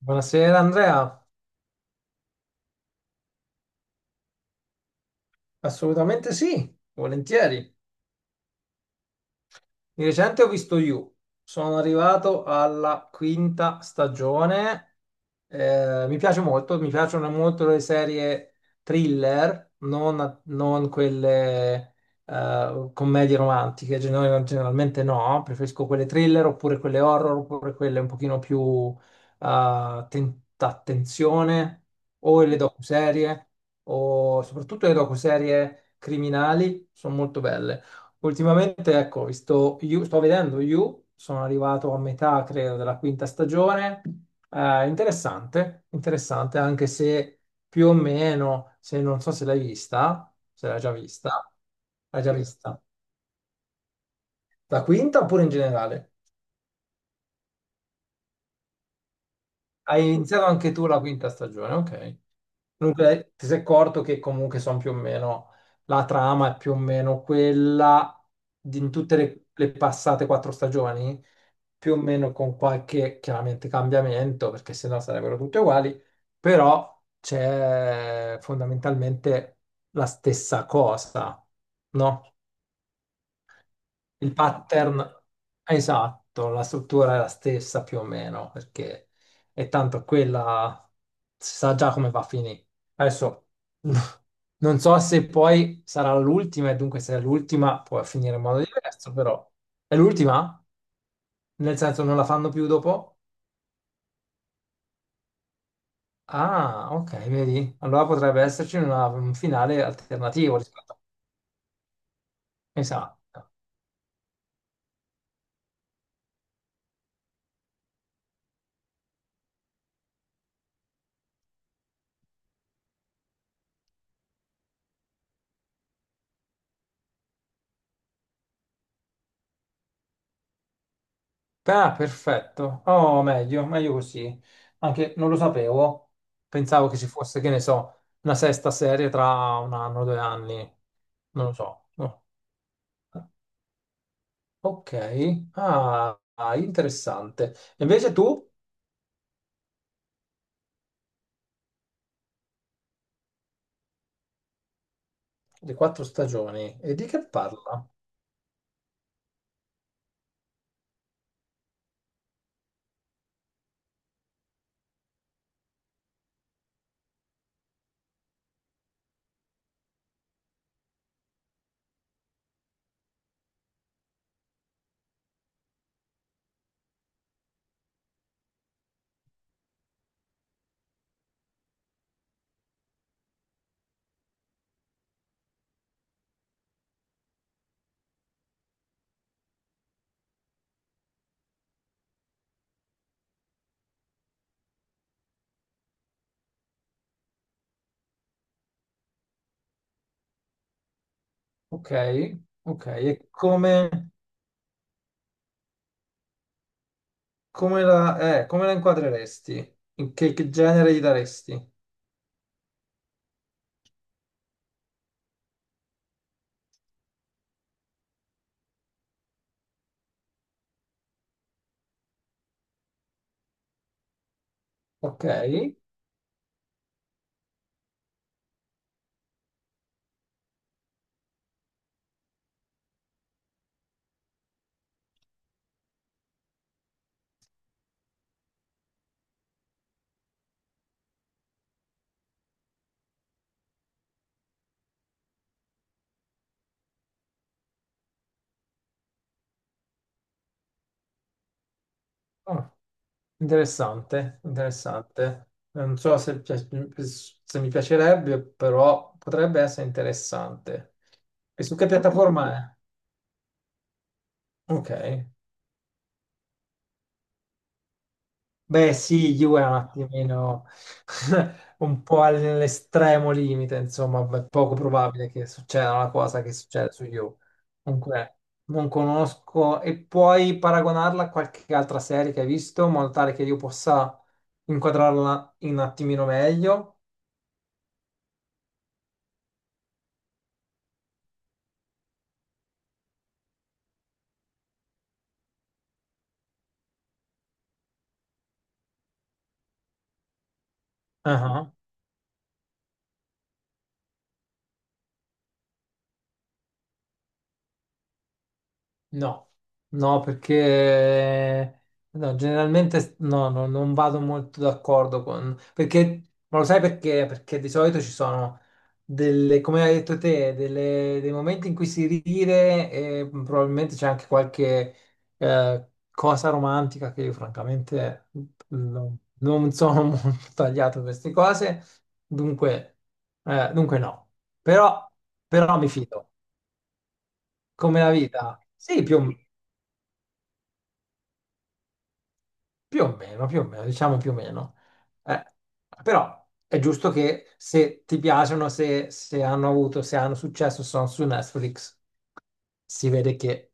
Buonasera Andrea, assolutamente sì, volentieri. Di recente ho visto You, sono arrivato alla quinta stagione, mi piace molto, mi piacciono molto le serie thriller, non quelle commedie romantiche, generalmente no, preferisco quelle thriller oppure quelle horror oppure quelle un pochino più attenzione, o le docuserie o soprattutto le docuserie criminali sono molto belle. Ultimamente, ecco, sto vedendo You, sono arrivato a metà, credo, della quinta stagione. Interessante, interessante, anche se più o meno, se non so se l'hai vista, se l'hai già vista, l'hai già vista. La quinta oppure in generale? Hai iniziato anche tu la quinta stagione, ok. Dunque, ti sei accorto che comunque sono più o meno, la trama è più o meno quella di in tutte le passate quattro stagioni? Più o meno con qualche chiaramente cambiamento, perché sennò sarebbero tutte uguali, però c'è fondamentalmente la stessa cosa, no? Il pattern esatto, la struttura è la stessa più o meno, perché è tanto quella, si sa già come va a finire. Adesso non so se poi sarà l'ultima, e dunque se è l'ultima può finire in modo diverso, però è l'ultima? Nel senso non la fanno più dopo? Ah, ok, vedi? Allora potrebbe esserci un finale alternativo rispetto a... Esatto. Ah, perfetto. Oh, meglio, meglio così. Anche non lo sapevo. Pensavo che ci fosse, che ne so, una sesta serie tra un anno, 2 anni. Non lo so. No. Ok. Ah, ah, interessante. Invece tu, le quattro stagioni, e di che parla? Ok, ok. E come... Come la inquadreresti? In che genere gli daresti? Ok. Oh, interessante, interessante. Non so se mi piacerebbe, però potrebbe essere interessante. E su che piattaforma è? Ok. Beh, sì, Juve è un attimino un po' all'estremo limite, insomma, è poco probabile che succeda una cosa che succede su Juve. Comunque, non conosco e puoi paragonarla a qualche altra serie che hai visto, in modo tale che io possa inquadrarla in un attimino meglio. No, no, perché no, generalmente no, no, non vado molto d'accordo con... Perché, ma lo sai perché? Perché di solito ci sono delle, come hai detto te, dei momenti in cui si ride e probabilmente c'è anche qualche cosa romantica che io francamente non sono molto tagliato a queste cose, dunque, dunque no. Però, però mi fido, come la vita. Sì, più o meno. Più o meno, più o meno, diciamo più o meno. Eh, Però è giusto che se ti piacciono, se hanno avuto, se hanno successo, sono su Netflix, si vede che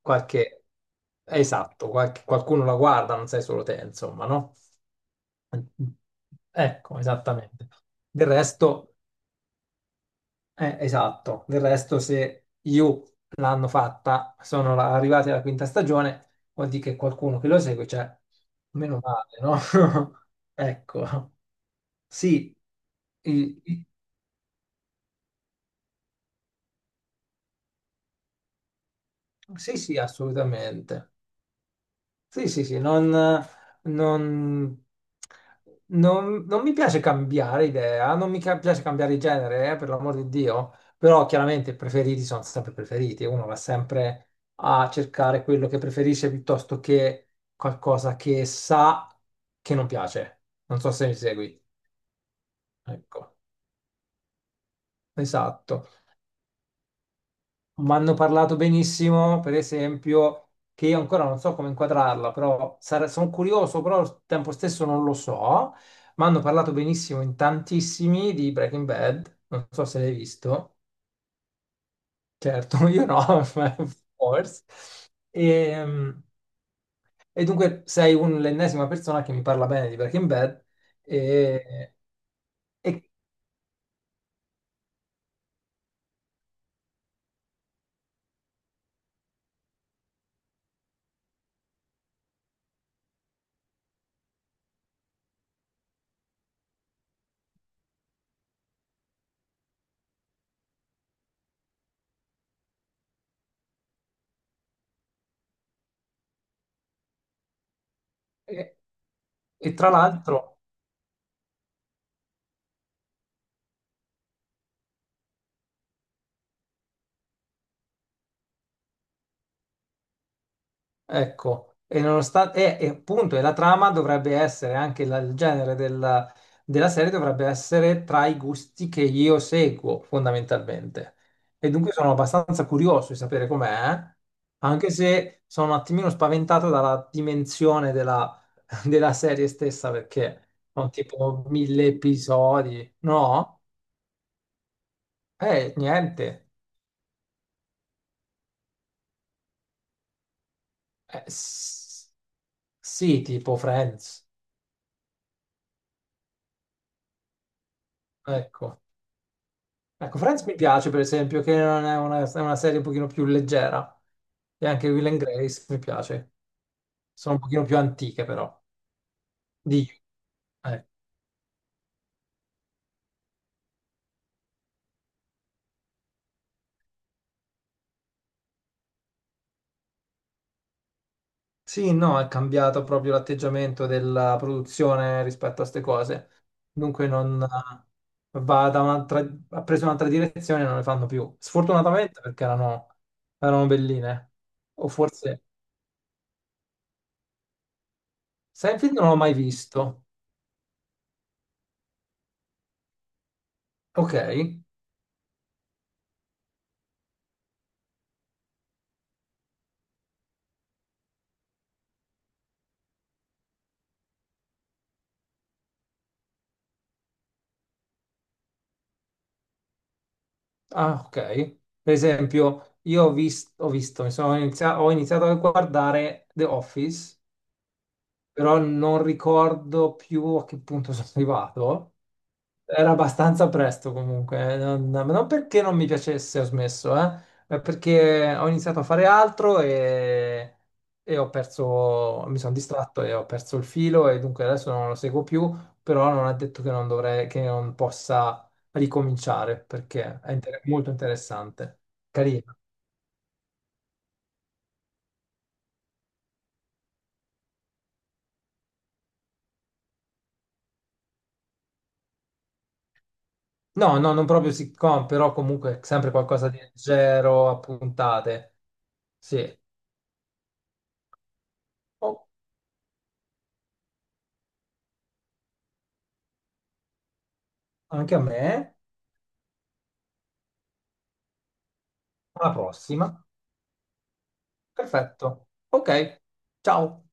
qualche... Esatto, qualcuno la guarda, non sei solo te, insomma, no? Ecco, esattamente. Del resto... Esatto, del resto se io l'hanno fatta, arrivati alla quinta stagione, vuol dire che qualcuno che lo segue c'è, meno male, no? Ecco, sì, I- i- sì, sì, assolutamente. Sì, sì, sì, non- non mi piace cambiare idea, non mi ca- piace cambiare genere, per l'amor di Dio, però chiaramente i preferiti sono sempre preferiti, uno va sempre a cercare quello che preferisce piuttosto che qualcosa che sa che non piace. Non so se mi segui. Ecco, esatto. Mi hanno parlato benissimo, per esempio, che io ancora non so come inquadrarla, però sono curioso, però al tempo stesso non lo so. Mi hanno parlato benissimo in tantissimi di Breaking Bad, non so se l'hai visto, certo, io no, ma forse. E, e dunque sei l'ennesima persona che mi parla bene di Breaking Bad e, e- e- e tra l'altro... Ecco, e nonostante, e appunto, e la trama dovrebbe essere anche il genere della serie dovrebbe essere tra i gusti che io seguo fondamentalmente. E dunque sono abbastanza curioso di sapere com'è, anche se sono un attimino spaventato dalla dimensione della, della serie stessa perché sono tipo 1000 episodi, no? Niente. Eh, s- sì, tipo Friends, ecco. Ecco, Friends mi piace per esempio, che non è una, è una serie un pochino più leggera. E anche Will and Grace mi piace. Sono un pochino più antiche però. Di... eh. Sì, no, è cambiato proprio l'atteggiamento della produzione rispetto a queste cose. Dunque non va da un'altra... ha preso un'altra direzione e non le fanno più. Sfortunatamente perché erano belline. O forse... Seinfeld non l'ho mai visto. Ok. Ah, ok. Per esempio, io ho visto, ho iniziato a guardare The Office, però non ricordo più a che punto sono arrivato. Era abbastanza presto comunque, non, ma non perché non mi piacesse, ho smesso, ma perché ho iniziato a fare altro e ho perso, mi sono distratto e ho perso il filo e dunque adesso non lo seguo più, però non è detto che non dovrei, che non possa ricominciare perché è molto interessante, carino. No, no, non proprio sitcom, però comunque sempre qualcosa di leggero, a puntate. Sì, oh, anche a me. Alla prossima. Perfetto. Ok, ciao.